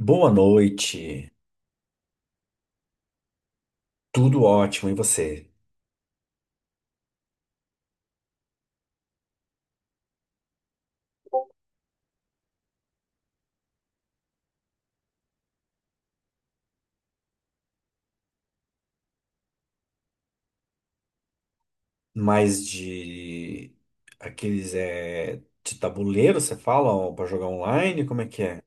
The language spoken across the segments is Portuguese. Boa noite, tudo ótimo, e você? Mais de aqueles de tabuleiro, você fala, para jogar online? Como é que é?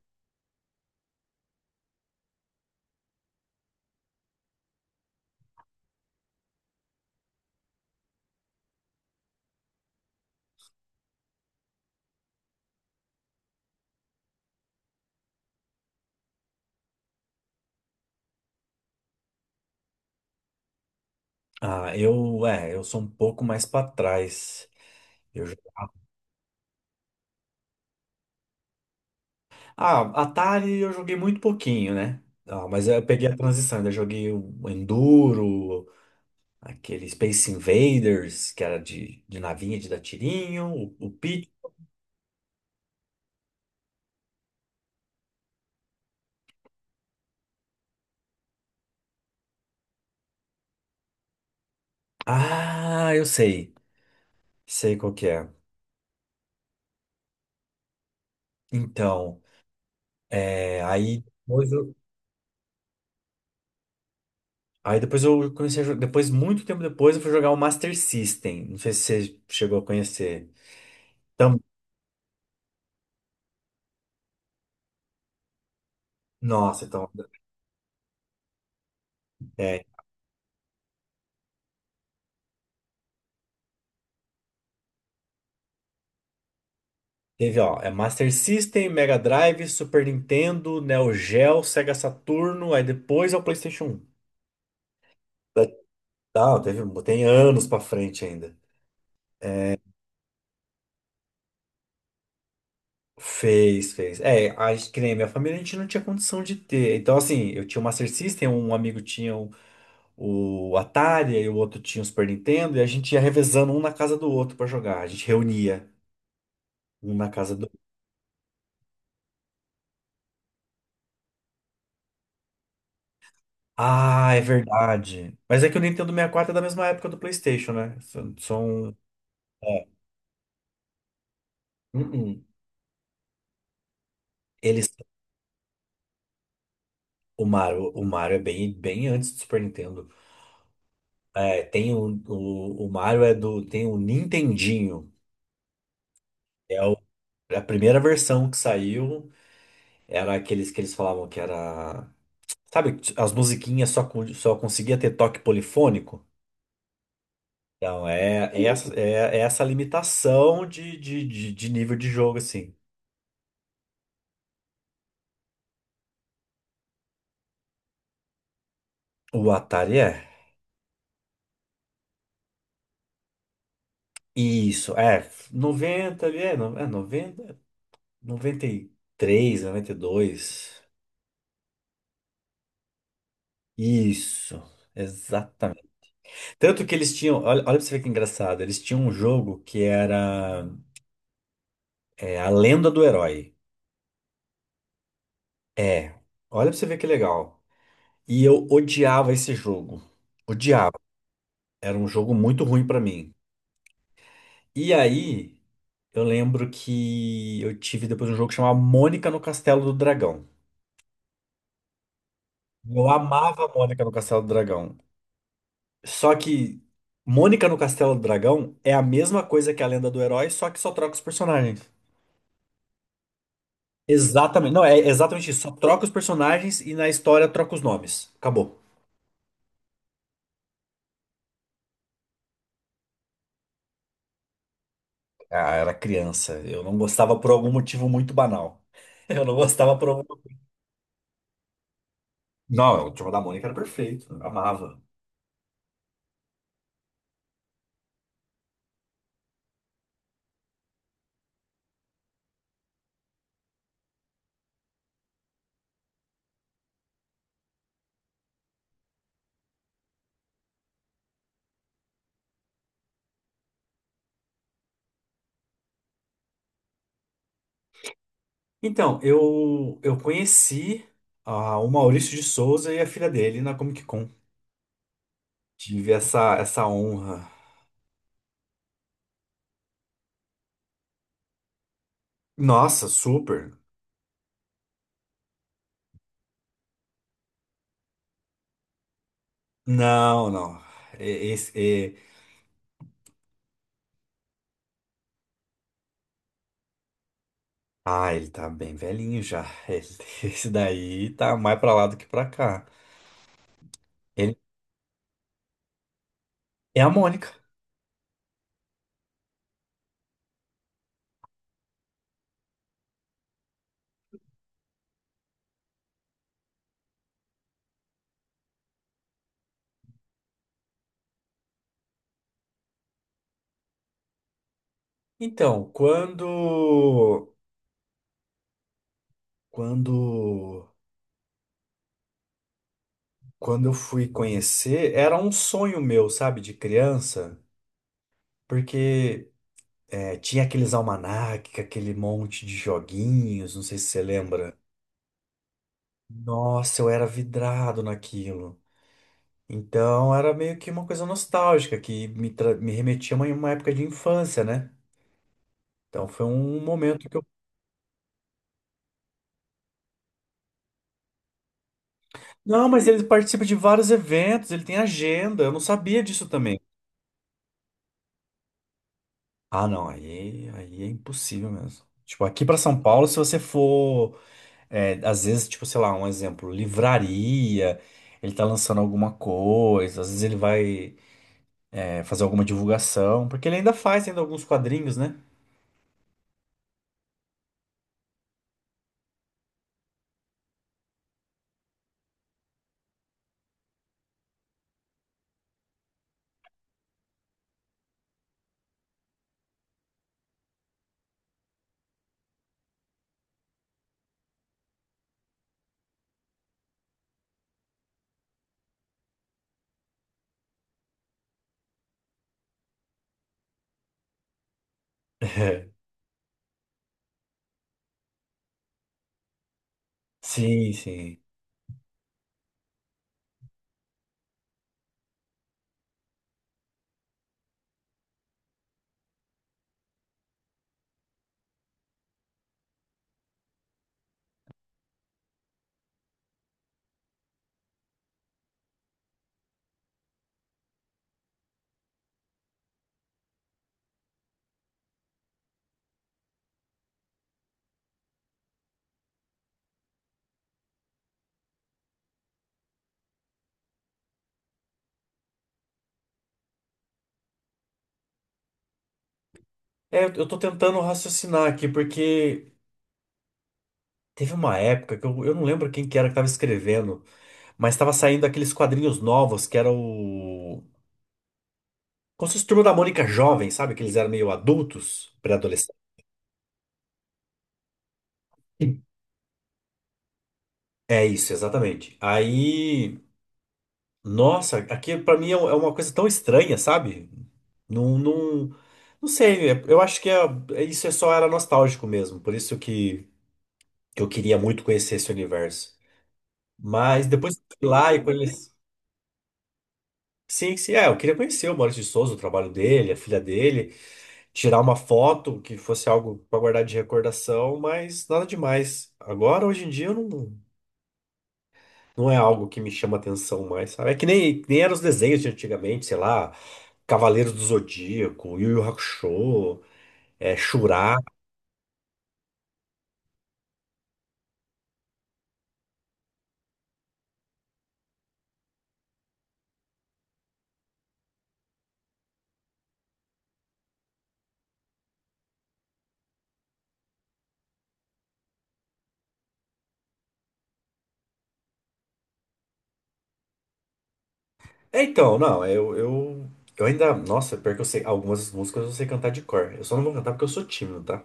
Eu sou um pouco mais para trás. Eu jo- Atari eu joguei muito pouquinho, né? Ah, mas eu peguei a transição, ainda joguei o Enduro, aquele Space Invaders, que era de navinha, de dar tirinho, o Pit. Ah, eu sei, sei qual que é. Então. Aí, aí depois eu comecei a jogar. Depois, muito tempo depois, eu fui jogar o Master System. Não sei se você chegou a conhecer. Então, nossa, então. É, teve, ó, é Master System, Mega Drive, Super Nintendo, Neo Geo, Sega Saturno, aí depois é o PlayStation um. Tá, tá, teve, tem anos pra frente ainda. Fez, fez. É, que nem minha família a gente não tinha condição de ter. Então, assim, eu tinha o Master System, um amigo tinha o Atari, e o outro tinha o Super Nintendo, e a gente ia revezando um na casa do outro pra jogar. A gente reunia um na casa do. Ah, é verdade. Mas é que o Nintendo 64 é da mesma época do PlayStation, né? São. São- é. Uh-uh. Eles, o Mario é bem, bem antes do Super Nintendo. É, tem o Mario é do, tem o Nintendinho. A primeira versão que saiu era aqueles que eles falavam que era. Sabe, as musiquinhas só, só conseguia ter toque polifônico. Então, é essa limitação de nível de jogo, assim. O Atari é. Isso, é. Noventa ali, é noventa, noventa e três, noventa e dois. Isso, exatamente. Tanto que eles tinham. Olha, olha pra você ver que engraçado. Eles tinham um jogo que era A Lenda do Herói. É, olha pra você ver que legal. E eu odiava esse jogo. Odiava. Era um jogo muito ruim pra mim. E aí, eu lembro que eu tive depois um jogo que chamava Mônica no Castelo do Dragão. Eu amava Mônica no Castelo do Dragão. Só que Mônica no Castelo do Dragão é a mesma coisa que a Lenda do Herói, só que só troca os personagens. Exatamente. Não, é exatamente isso. Só troca os personagens e na história troca os nomes. Acabou. Ah, era criança. Eu não gostava por algum motivo muito banal. Eu não gostava por algum. Não, o Turma da Mônica era perfeito. Eu amava. Então, eu conheci ah, o Maurício de Souza e a filha dele na Comic Con. Tive essa honra. Nossa, super. Não, não. E- Esse, e- Ah, ele tá bem velhinho já. Ele- Esse daí tá mais pra lá do que pra cá. Ele é a Mônica. Então, quando. Quando. Quando eu fui conhecer, era um sonho meu, sabe, de criança, porque é, tinha aqueles almanac, aquele monte de joguinhos, não sei se você lembra. Nossa, eu era vidrado naquilo. Então era meio que uma coisa nostálgica que me, me remetia a uma época de infância, né? Então foi um momento que eu. Não, mas ele participa de vários eventos, ele tem agenda, eu não sabia disso também. Ah, não, aí é impossível mesmo. Tipo, aqui pra São Paulo, se você for. É, às vezes, tipo, sei lá, um exemplo, livraria, ele tá lançando alguma coisa, às vezes ele vai, é, fazer alguma divulgação, porque ele ainda faz ainda alguns quadrinhos, né? Sim, sim. É, eu tô tentando raciocinar aqui, porque teve uma época que eu não lembro quem que era que tava escrevendo, mas tava saindo aqueles quadrinhos novos que era o. Como se fosse Turma da Mônica jovem, sabe? Que eles eram meio adultos, pré-adolescentes. É isso, exatamente. Aí. Nossa, aqui pra mim é um, é uma coisa tão estranha, sabe? Não, não, não sei, eu acho que é, isso é só era nostálgico mesmo, por isso que eu queria muito conhecer esse universo. Mas depois que eu fui lá e conheci. Sim, sim, é, eu queria conhecer o Maurício de Souza, o trabalho dele, a filha dele, tirar uma foto que fosse algo pra guardar de recordação, mas nada demais. Agora, hoje em dia, eu não. Não é algo que me chama atenção mais, sabe? É que nem eram os desenhos de antigamente, sei lá, Cavaleiros do Zodíaco, Yu Yu Hakusho, é, Shura. É, então, não, eu ainda. Nossa, pior que eu sei, algumas músicas eu sei cantar de cor. Eu só não vou cantar porque eu sou tímido, tá?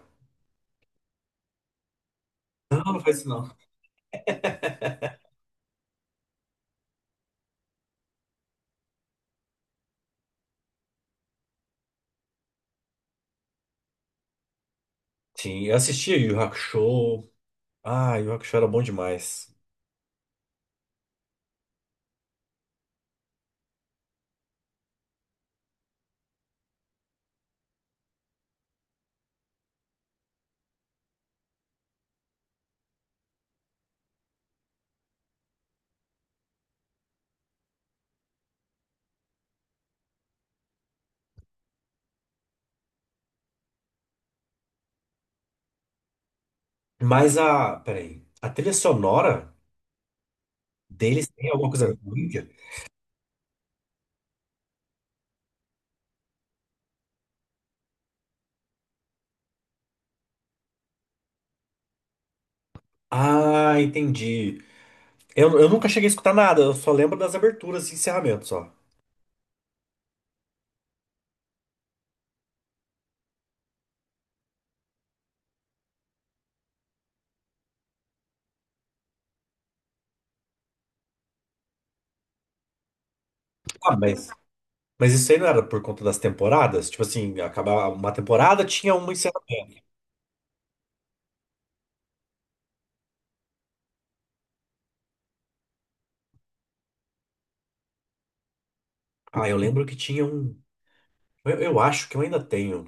Não, não faz isso não. Sim, eu assistia Yu Yu Hakusho. Ah, Yu Yu Hakusho era bom demais. Mas a. Peraí. A trilha sonora deles tem alguma coisa ruim? Ah, entendi. Eu nunca cheguei a escutar nada, eu só lembro das aberturas e encerramentos, só. Ah, mas isso aí não era por conta das temporadas? Tipo assim, acabava uma temporada, tinha um encerramento. Ah, eu lembro que tinha um. Eu acho que eu ainda tenho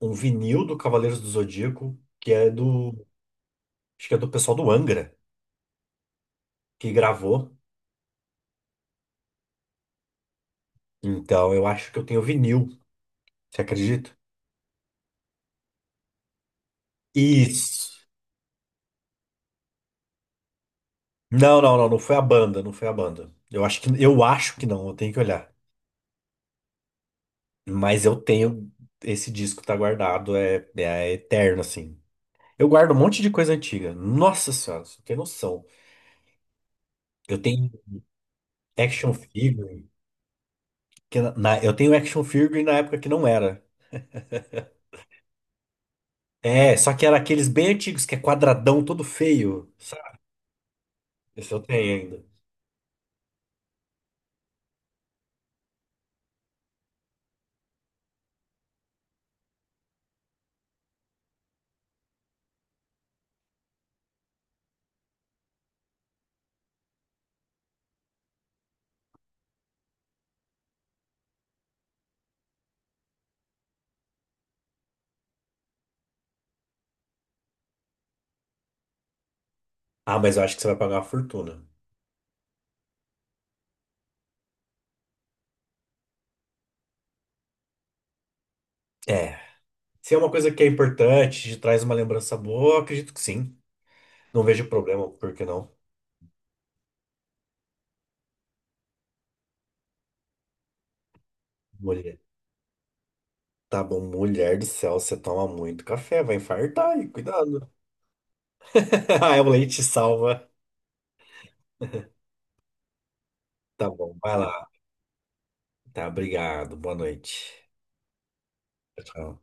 um vinil do Cavaleiros do Zodíaco, que é do. Acho que é do pessoal do Angra, que gravou. Então eu acho que eu tenho vinil, você acredita? Isso. Não, não, não, não foi a banda, não foi a banda. Eu acho eu acho que não, eu tenho que olhar. Mas eu tenho. Esse disco tá guardado, é, é eterno, assim. Eu guardo um monte de coisa antiga. Nossa senhora, você não tem noção. Eu tenho action figure. Que eu tenho action figure na época que não era. É, só que era aqueles bem antigos, que é quadradão, todo feio. Sabe? Esse eu tenho ainda. Ah, mas eu acho que você vai pagar uma fortuna. É. Se é uma coisa que é importante, te traz uma lembrança boa, eu acredito que sim. Não vejo problema, por que não? Tá bom, mulher do céu, você toma muito café, vai infartar aí, cuidado. Ah, é o leite salva. Tá bom, vai lá. Tá, obrigado. Boa noite. Tchau.